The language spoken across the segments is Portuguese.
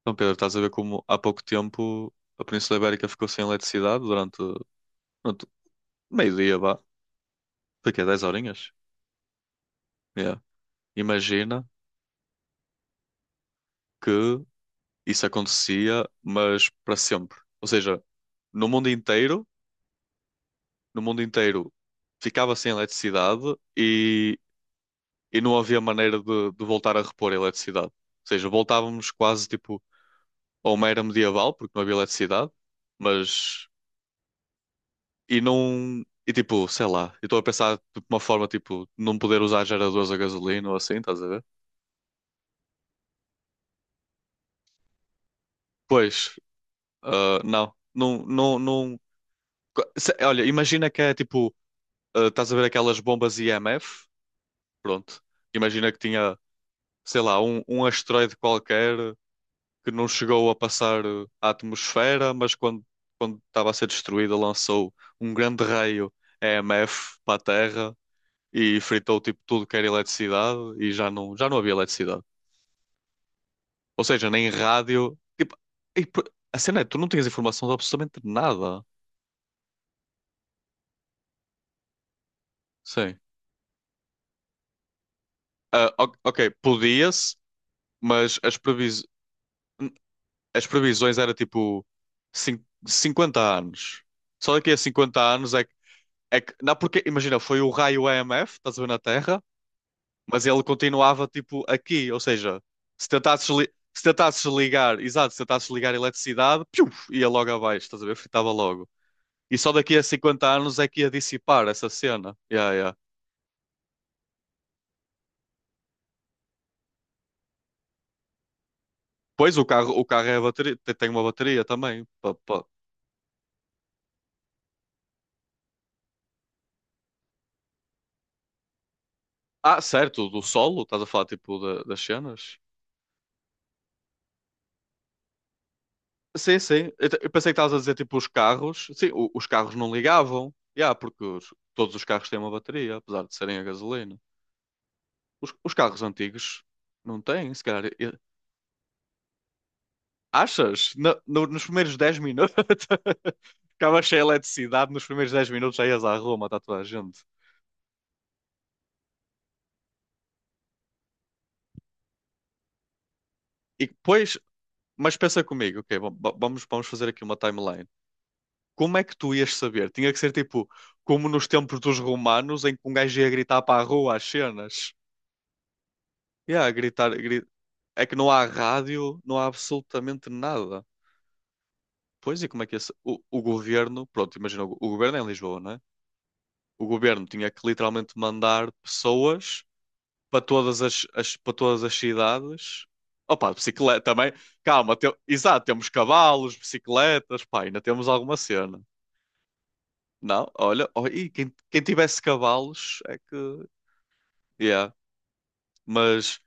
Então, Pedro, estás a ver como há pouco tempo a Península Ibérica ficou sem eletricidade durante meio-dia, vá. Foi quê? 10 horinhas? Yeah. Imagina que isso acontecia, mas para sempre. Ou seja, no mundo inteiro, no mundo inteiro ficava sem eletricidade e, e não havia maneira de voltar a repor a eletricidade. Ou seja, voltávamos quase tipo a uma era medieval, porque não havia eletricidade, mas E não. E tipo, sei lá, eu estou a pensar de uma forma tipo, não poder usar geradores a gasolina ou assim, estás a ver? Pois, ah, não, não, não, não. Olha, imagina que é tipo, ah, estás a ver aquelas bombas IMF? Pronto. Imagina que tinha, sei lá, um asteroide qualquer que não chegou a passar ah, a atmosfera, mas quando estava a ser destruída lançou um grande raio EMF para a Terra e fritou tipo tudo que era eletricidade e já não havia eletricidade. Ou seja, nem rádio. Tipo, e p- a cena é, tu não tinhas informação de absolutamente nada. Sim. Ah, ok, podia-se, mas as previsões era tipo 50 anos. Só daqui a 50 anos é que. É que... Não, porque, imagina, foi o raio EMF, estás a ver na Terra, mas ele continuava tipo aqui. Ou seja, se tentasses, li... se tentasses ligar, exato, se tentasses ligar a eletricidade, piu, ia logo abaixo, estás a ver? Fritava logo. E só daqui a 50 anos é que ia dissipar essa cena. Yeah, yeah. Pois o carro é a bateria, tem uma bateria também. Ah, certo, do solo, estás a falar tipo das cenas? Sim, sim. Eu pensei que estavas a dizer tipo os carros. Sim, os carros não ligavam. Yeah, porque todos os carros têm uma bateria, apesar de serem a gasolina. Os carros antigos não têm, se calhar. Achas? Nos primeiros 10 minutos ficava cheia de eletricidade, nos primeiros 10 minutos já ias à Roma, está toda a gente. E depois, Mas pensa comigo, ok, vamos fazer aqui uma timeline. Como é que tu ias saber? Tinha que ser tipo, como nos tempos dos romanos, em que um gajo ia gritar para a rua as cenas. Yeah, gritar. É que não há rádio, não há absolutamente nada. Pois, e como é que o governo, pronto, imagina, o governo é em Lisboa, não é? O governo tinha que literalmente mandar pessoas para todas para todas as cidades. Opa, bicicleta também. Calma, exato, temos cavalos, bicicletas, pá, ainda temos alguma cena. Não, olha, oh, e quem tivesse cavalos é que. Yeah. Mas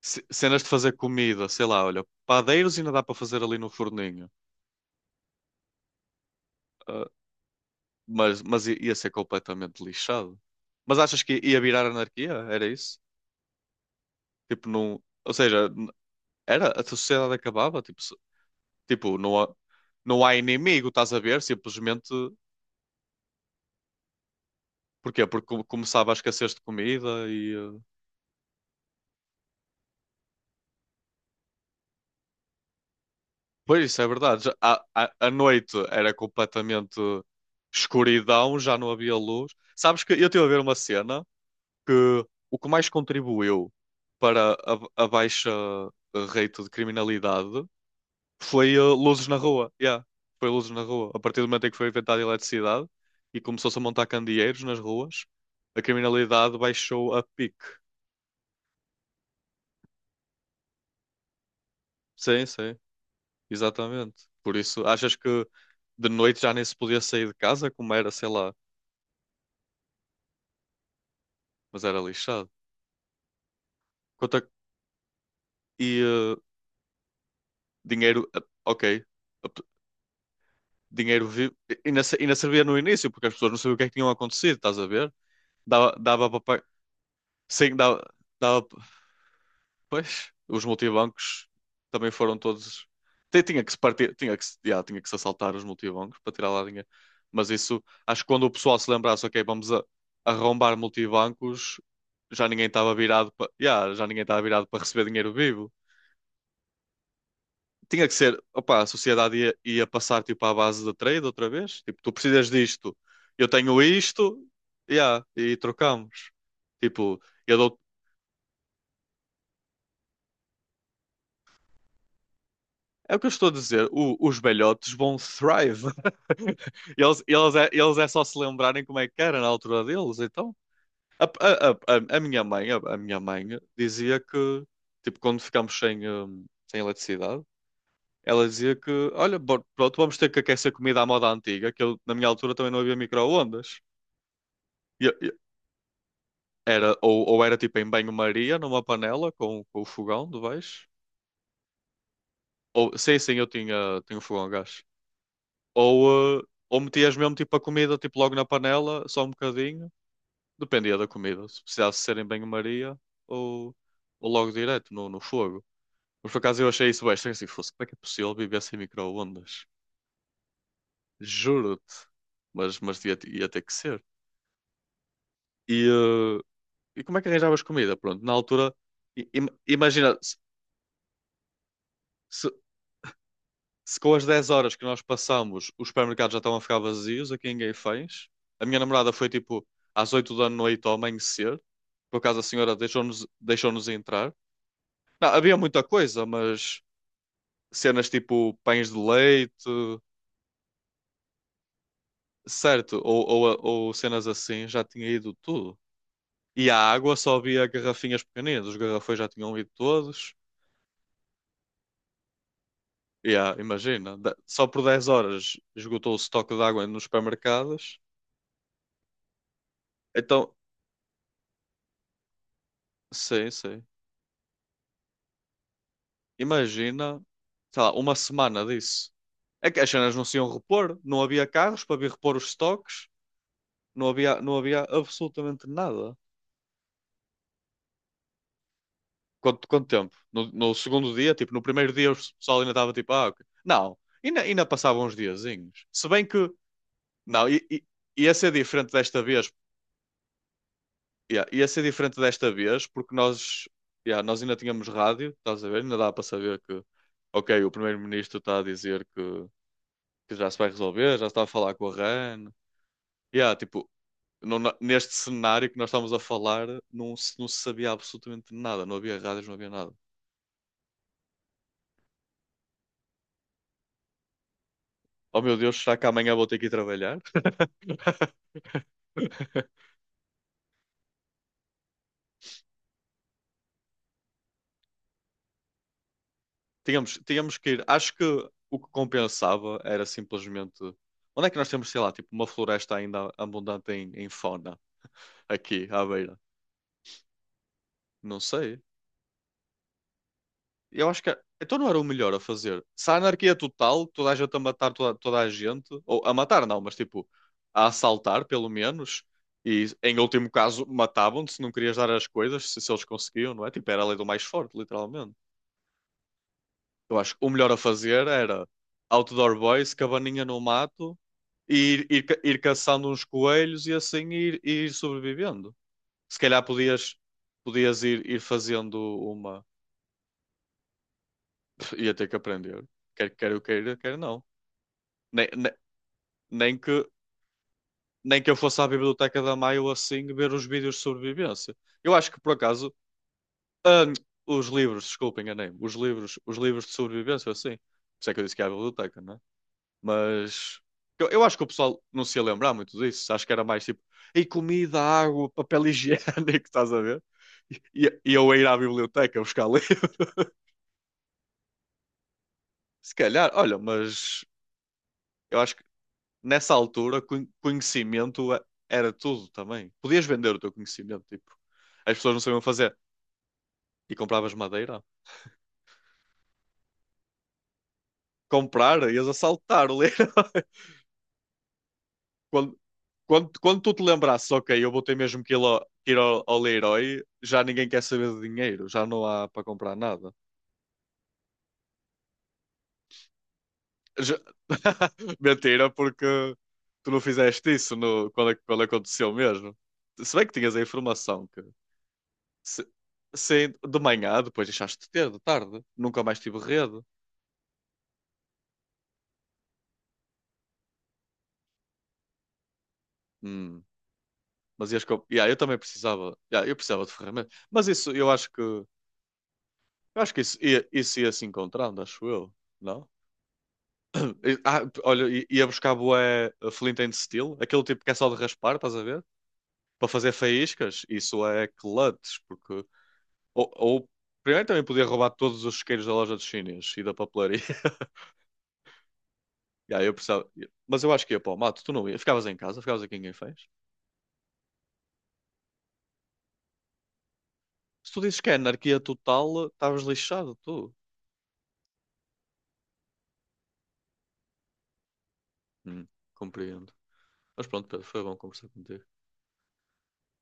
cenas de fazer comida, sei lá, olha, padeiros ainda dá para fazer ali no forninho. Ah, mas ia ser completamente lixado. Mas achas que ia virar anarquia? Era isso? Tipo, não. Ou seja, era, a sociedade acabava, tipo, tipo, não há inimigo, estás a ver? Simplesmente. Porquê? Porque começava a escassez de comida. Pois isso é verdade. A noite era completamente escuridão, já não havia luz. Sabes que eu estive a ver uma cena que o que mais contribuiu para a baixa rate de criminalidade foi luzes na rua. Yeah, foi luzes na rua. A partir do momento em que foi inventada a eletricidade e começou-se a montar candeeiros nas ruas, a criminalidade baixou a pique. Sim, sim, exatamente. Por isso, achas que de noite já nem se podia sair de casa, como era, sei lá. Mas era lixado. Quanto a- E dinheiro, ok. Ap- Dinheiro vivo. Ainda servia no início, porque as pessoas não sabiam o que é que tinham acontecido, estás a ver? Dava para pagar. Sim, dava, dava. Pois, os multibancos também foram todos. Tinha que se partir, tinha que se, já, tinha que se assaltar os multibancos para tirar lá dinheiro. Mas isso, acho que quando o pessoal se lembrasse, ok, vamos arrombar multibancos, já ninguém estava virado para receber dinheiro vivo. Tinha que ser, opa a sociedade ia passar tipo à base de trade outra vez. Tipo, tu precisas disto, eu tenho isto, yeah, e trocamos. Tipo, eu dou. É o que eu estou a dizer, os velhotes vão thrive. Eles é só se lembrarem como é que era na altura deles, então. A, a, a, a minha mãe dizia que, tipo, quando ficámos sem, sem eletricidade, ela dizia que, olha, pronto, vamos ter que aquecer comida à moda antiga, que eu, na minha altura também não havia micro-ondas. E- e- Era, ou era tipo em banho-maria, numa panela com o fogão de baixo. Ou, sim, sim, eu tinha um fogão a gás. Ou, eh, ou metias mesmo tipo a comida tipo, logo na panela, só um bocadinho. Dependia da comida. Se precisasse ser em banho-maria ou, ou logo direto no fogo. Mas por acaso eu achei isso bem estranho. Assim, fosse, como é que é possível viver sem micro-ondas? Juro-te. Mas ia ter que ser. E, eh, e como é que arranjavas comida? Pronto, na altura, imagina. se, se com as 10 horas que nós passamos os supermercados já estão a ficar vazios aqui ninguém fez. A minha namorada foi tipo às 8 da noite ao amanhecer, por acaso a senhora deixou-nos entrar. Não, havia muita coisa, mas cenas tipo pães de leite, certo, ou cenas assim, já tinha ido tudo. E a água só havia garrafinhas pequeninas, os garrafões já tinham ido todos. E yeah, imagina, só por 10 horas esgotou o estoque de água nos supermercados. Então, sim, sim. Imagina, sei lá, uma semana disso. É que as cenas não se iam repor, não havia carros para vir repor os estoques, não havia absolutamente nada. Quanto tempo? No segundo dia, tipo, no primeiro dia o pessoal ainda estava tipo, ah, ok. Não, ainda passavam uns diazinhos. Se bem que, não, ia ser diferente desta vez, ia ser diferente desta vez, porque nós ainda tínhamos rádio, estás a ver? Ainda dá para saber que, ok, o primeiro-ministro está a dizer que já se vai resolver, já se está a falar com a RAN. E há, tipo, neste cenário que nós estamos a falar, não se sabia absolutamente nada, não havia rádios, não havia nada. Oh meu Deus, será que amanhã vou ter que ir trabalhar? Tínhamos que ir. Acho que o que compensava era simplesmente. Onde é que nós temos, sei lá, tipo, uma floresta ainda abundante em fauna aqui à beira? Não sei. Eu acho que é, então não era o melhor a fazer. Se a anarquia total, toda a gente a matar toda a gente, ou a matar não, mas tipo a assaltar pelo menos, e em último caso matavam-te se não querias dar as coisas, se eles conseguiam, não é? Tipo, era a lei do mais forte, literalmente. Eu acho que o melhor a fazer era outdoor boys, cabaninha no mato, e ir caçando uns coelhos e assim ir sobrevivendo. Se calhar podias ir fazendo uma. Ia ter que aprender. Quer eu queira, quer não. Nem, nem, nem que, nem que eu fosse à biblioteca da Maio assim ver os vídeos de sobrevivência. Eu acho que por acaso. ah, os livros, desculpem, enganei-me. Os livros de sobrevivência, assim. Por isso é que eu disse que é a biblioteca, né? Mas. Eu acho que o pessoal não se ia lembrar muito disso. Acho que era mais tipo. E comida, água, papel higiênico, estás a ver? E eu a ir à biblioteca buscar livro. Se calhar, olha, mas. Eu acho nessa altura, conhecimento era tudo também. Podias vender o teu conhecimento, tipo, as pessoas não sabiam fazer. E compravas madeira? Comprar, ias assaltar o Leroy. Quando, quando tu te lembrasses, ok, eu vou ter mesmo que ir ao Leroy, já ninguém quer saber de dinheiro, já não há para comprar nada. Já- Mentira, porque tu não fizeste isso quando, é, quando aconteceu mesmo. Se bem que tinhas a informação que Se, se de manhã, depois deixaste de ter, de tarde. Nunca mais tive rede. Hum, mas ias com... yeah, eu também precisava. Yeah, eu precisava de ferramentas. Mas isso, eu acho que. Eu acho que isso ia se encontrando, acho eu. Não? Ah, olha, ia buscar bué Flint and Steel, aquele tipo que é só de raspar, estás a ver? Para fazer faíscas, isso é clutch, porque. Ou, ou- primeiro também podia roubar todos os isqueiros da loja dos chineses e da papelaria. Yeah, eu precisava... Mas eu acho que ia para o mato, tu não ia. Ficavas em casa, ficavas aqui em Guinfãs. Se tu dizes que é anarquia total, estavas lixado, tu. Hum, compreendo. Mas pronto, Pedro, foi bom conversar contigo.